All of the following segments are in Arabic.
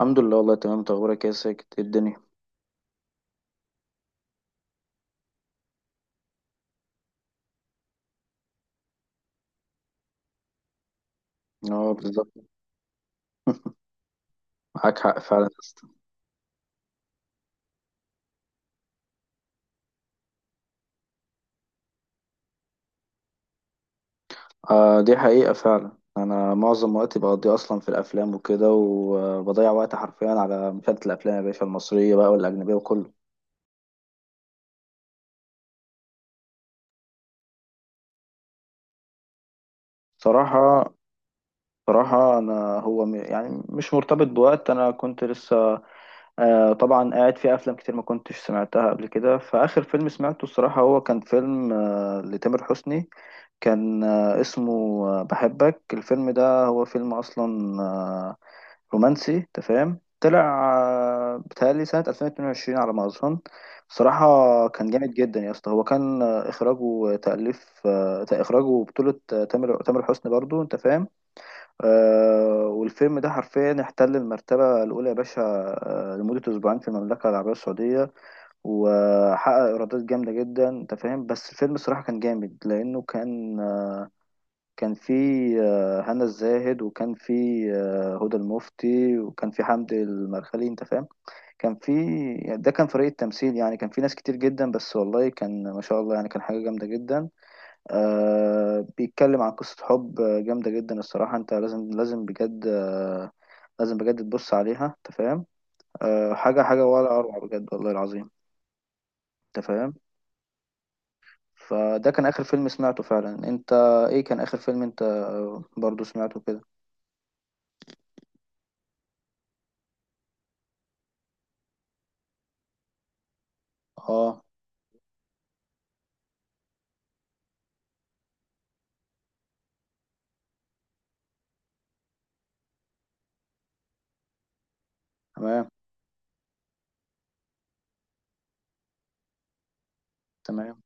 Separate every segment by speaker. Speaker 1: الحمد لله، والله تمام. انت اخبارك ايه يا ساكت؟ ايه الدنيا؟ اه، بالظبط. معاك حق فعلا يا اسطى. دي حقيقة فعلا، انا معظم وقتي بقضيه اصلا في الافلام وكده، وبضيع وقت حرفيا على مشاهدة الافلام يا باشا، المصرية بقى والاجنبية وكله. صراحة صراحة انا هو يعني مش مرتبط بوقت. انا كنت لسه طبعا قاعد في افلام كتير ما كنتش سمعتها قبل كده. فاخر فيلم سمعته الصراحه هو كان فيلم لتامر حسني. كان اسمه بحبك. الفيلم ده هو فيلم اصلا رومانسي، أنت فاهم، طلع بتهيألي سنه 2022 على ما اظن. صراحه كان جامد جدا يا اسطى. هو كان اخراجه وتاليف، اخراجه، بطوله تامر حسني برضو، انت فاهم. والفيلم ده حرفيا احتل المرتبة الأولى يا باشا، لمدة أسبوعين في المملكة العربية السعودية، وحقق إيرادات جامدة جدا، أنت فاهم. بس الفيلم الصراحة كان جامد لأنه كان فيه هنا الزاهد، وكان فيه هدى المفتي، وكان فيه حمدي المرخلي، أنت فاهم. كان فيه، يعني ده كان فريق التمثيل، يعني كان فيه ناس كتير جدا، بس والله كان ما شاء الله، يعني كان حاجة جامدة جدا. بيتكلم عن قصة حب، جامدة جدا الصراحة. أنت لازم لازم بجد، لازم بجد تبص عليها، انت فاهم. أه، حاجة حاجة ولا أروع، بجد والله العظيم، انت فاهم. فده كان آخر فيلم سمعته فعلا. انت ايه كان آخر فيلم انت برضو سمعته كده؟ اه، تمام. تمام.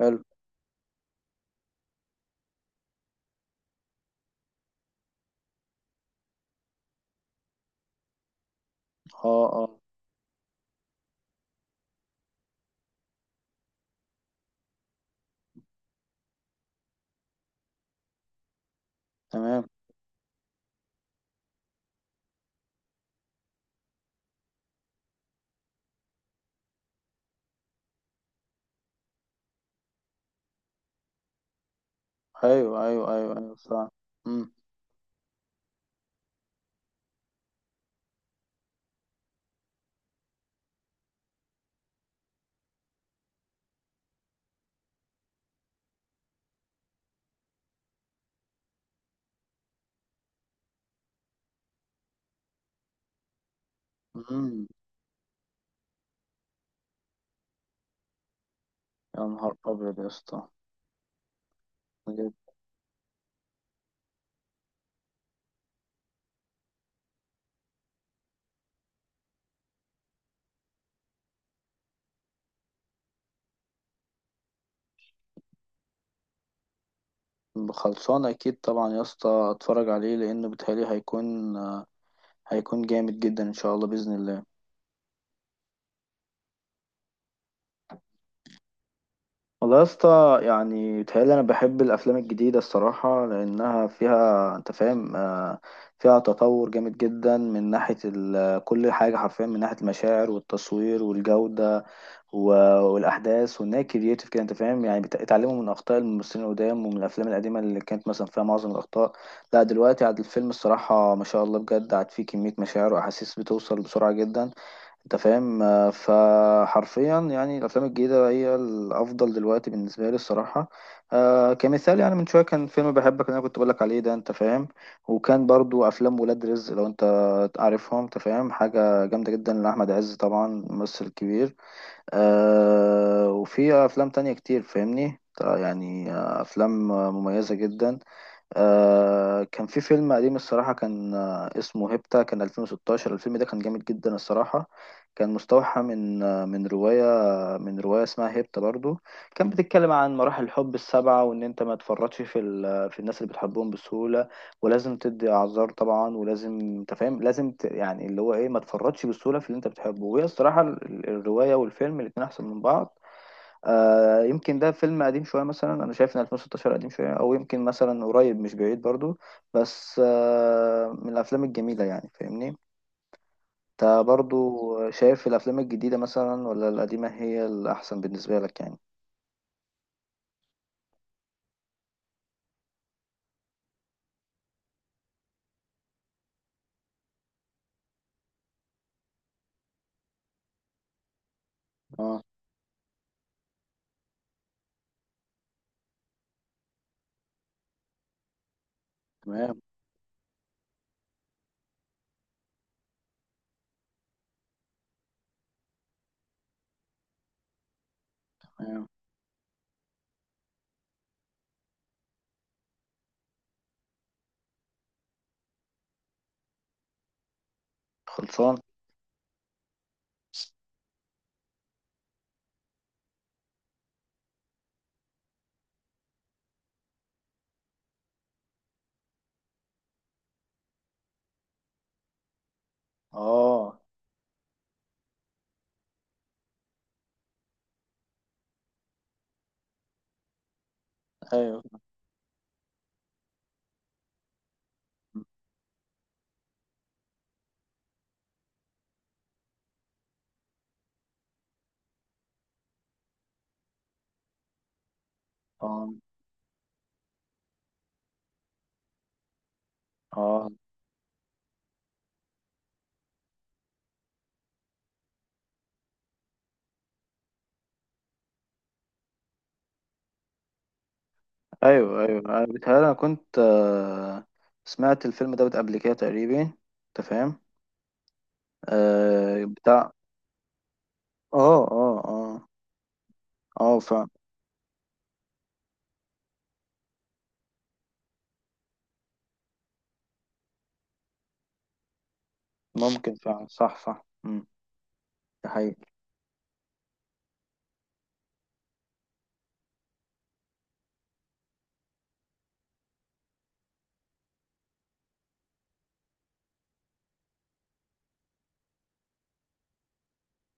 Speaker 1: حلو. اه، اه، تمام. ايوه، ايوه، ايوه، ايوه، فعلا. امم. امم. يا نهار ابيض يا اسطى، بجد. خلصان اكيد طبعا يا اسطى، اتفرج عليه لانه بيتهيألي هيكون جامد جدا ان شاء الله، باذن الله. والله يا اسطى، يعني بيتهيألي أنا بحب الأفلام الجديدة الصراحة، لأنها فيها أنت فاهم، فيها تطور جامد جدا، من ناحية كل حاجة حرفيا، من ناحية المشاعر والتصوير والجودة و- والأحداث، وإن هي كرييتيف كده، أنت فاهم. يعني اتعلموا من أخطاء الممثلين القدام، ومن الأفلام القديمة اللي كانت مثلا فيها معظم الأخطاء. لا، دلوقتي عاد الفيلم الصراحة ما شاء الله بجد، عاد فيه كمية مشاعر وأحاسيس بتوصل بسرعة جدا، انت فاهم. فحرفيا يعني الافلام الجديده هي الافضل دلوقتي بالنسبه لي الصراحه. كمثال يعني، من شويه كان فيلم بحبك اللي انا كنت بقولك عليه ده، انت فاهم. وكان برضو افلام ولاد رزق لو انت عارفهم، انت فاهم، حاجه جامده جدا لاحمد عز، طبعا ممثل كبير. وفي افلام تانية كتير، فاهمني يعني، افلام مميزه جدا. كان في فيلم قديم الصراحة، كان اسمه هيبتا، كان 2016. الفيلم ده كان جامد جدا الصراحة، كان مستوحى من آه من رواية آه، من رواية اسمها هيبتا برضو. كان بتتكلم عن مراحل الحب السبعة، وإن أنت ما تفرطش في ال- آه، في الناس اللي بتحبهم بسهولة، ولازم تدي أعذار طبعا، ولازم أنت فاهم، لازم يعني اللي هو إيه، ما تفرطش بسهولة في اللي أنت بتحبه. وهي الصراحة الرواية والفيلم الاتنين أحسن من بعض. يمكن ده فيلم قديم شوية، مثلا أنا شايف إن 2016 قديم شوية، أو يمكن مثلا قريب مش بعيد برضو. بس من الأفلام الجميلة، يعني فاهمني أنت برضو. شايف الأفلام الجديدة مثلا ولا القديمة هي الأحسن بالنسبة لك يعني؟ اه، تمام. تمام. خلصان؟ آه، أيوه. آه، آه، مم. أيوه، أيوه، أنا بيتهيألي أنا كنت آه سمعت الفيلم دوت قبل كده تقريبا، أنت فاهم؟ بتاع. آه، آه، آه، آه. ممكن فعلا، صح، صح، امم، ده حقيقي.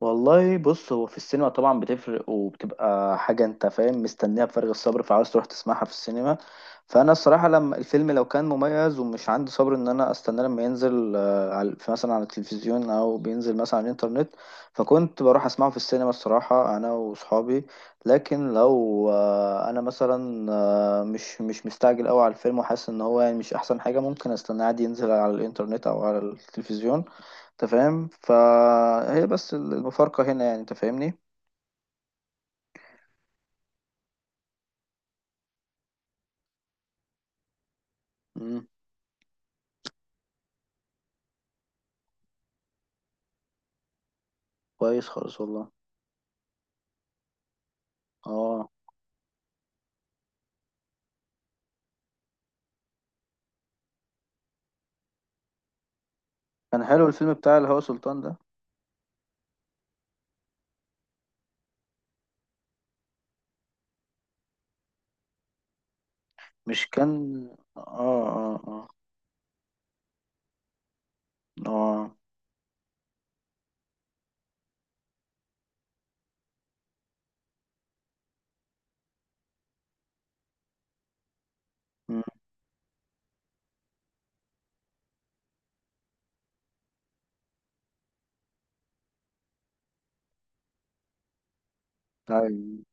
Speaker 1: والله بص، هو في السينما طبعا بتفرق وبتبقى حاجة انت فاهم مستنيها بفارغ الصبر، فعاوز تروح تسمعها في السينما. فانا الصراحة لما الفيلم لو كان مميز، ومش عندي صبر ان انا استناه لما ينزل على في مثلا على التلفزيون او بينزل مثلا على الانترنت، فكنت بروح اسمعه في السينما الصراحة انا وصحابي. لكن لو انا مثلا مش مستعجل قوي على الفيلم، وحاسس ان هو يعني مش احسن حاجة، ممكن استناه عادي ينزل على الانترنت او على التلفزيون، انت فاهم. فهي بس المفارقة هنا يعني، انت فاهمني. مم. كويس خالص والله. اه، كان حلو الفيلم بتاع الهوى سلطان ده. مش كان. اه، اه، اه، اه، مم. طيب.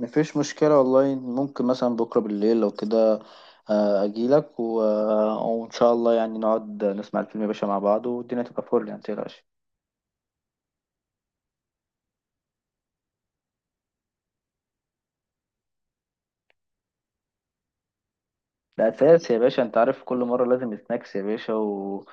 Speaker 1: مفيش مشكلة والله. ممكن مثلا بكرة بالليل لو كده، اجيلك و... وان شاء الله يعني نقعد نسمع الفيلم يا باشا مع بعض، والدنيا تبقى فل يعني، متقلقش. ده اساس يا باشا، انت عارف كل مرة لازم سناكس يا باشا و...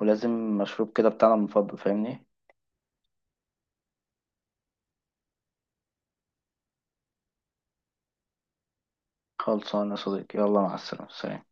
Speaker 1: ولازم مشروب كده بتاعنا المفضل، فاهمني. خلصانة يا صديقي، يلا مع السلامة، سلام.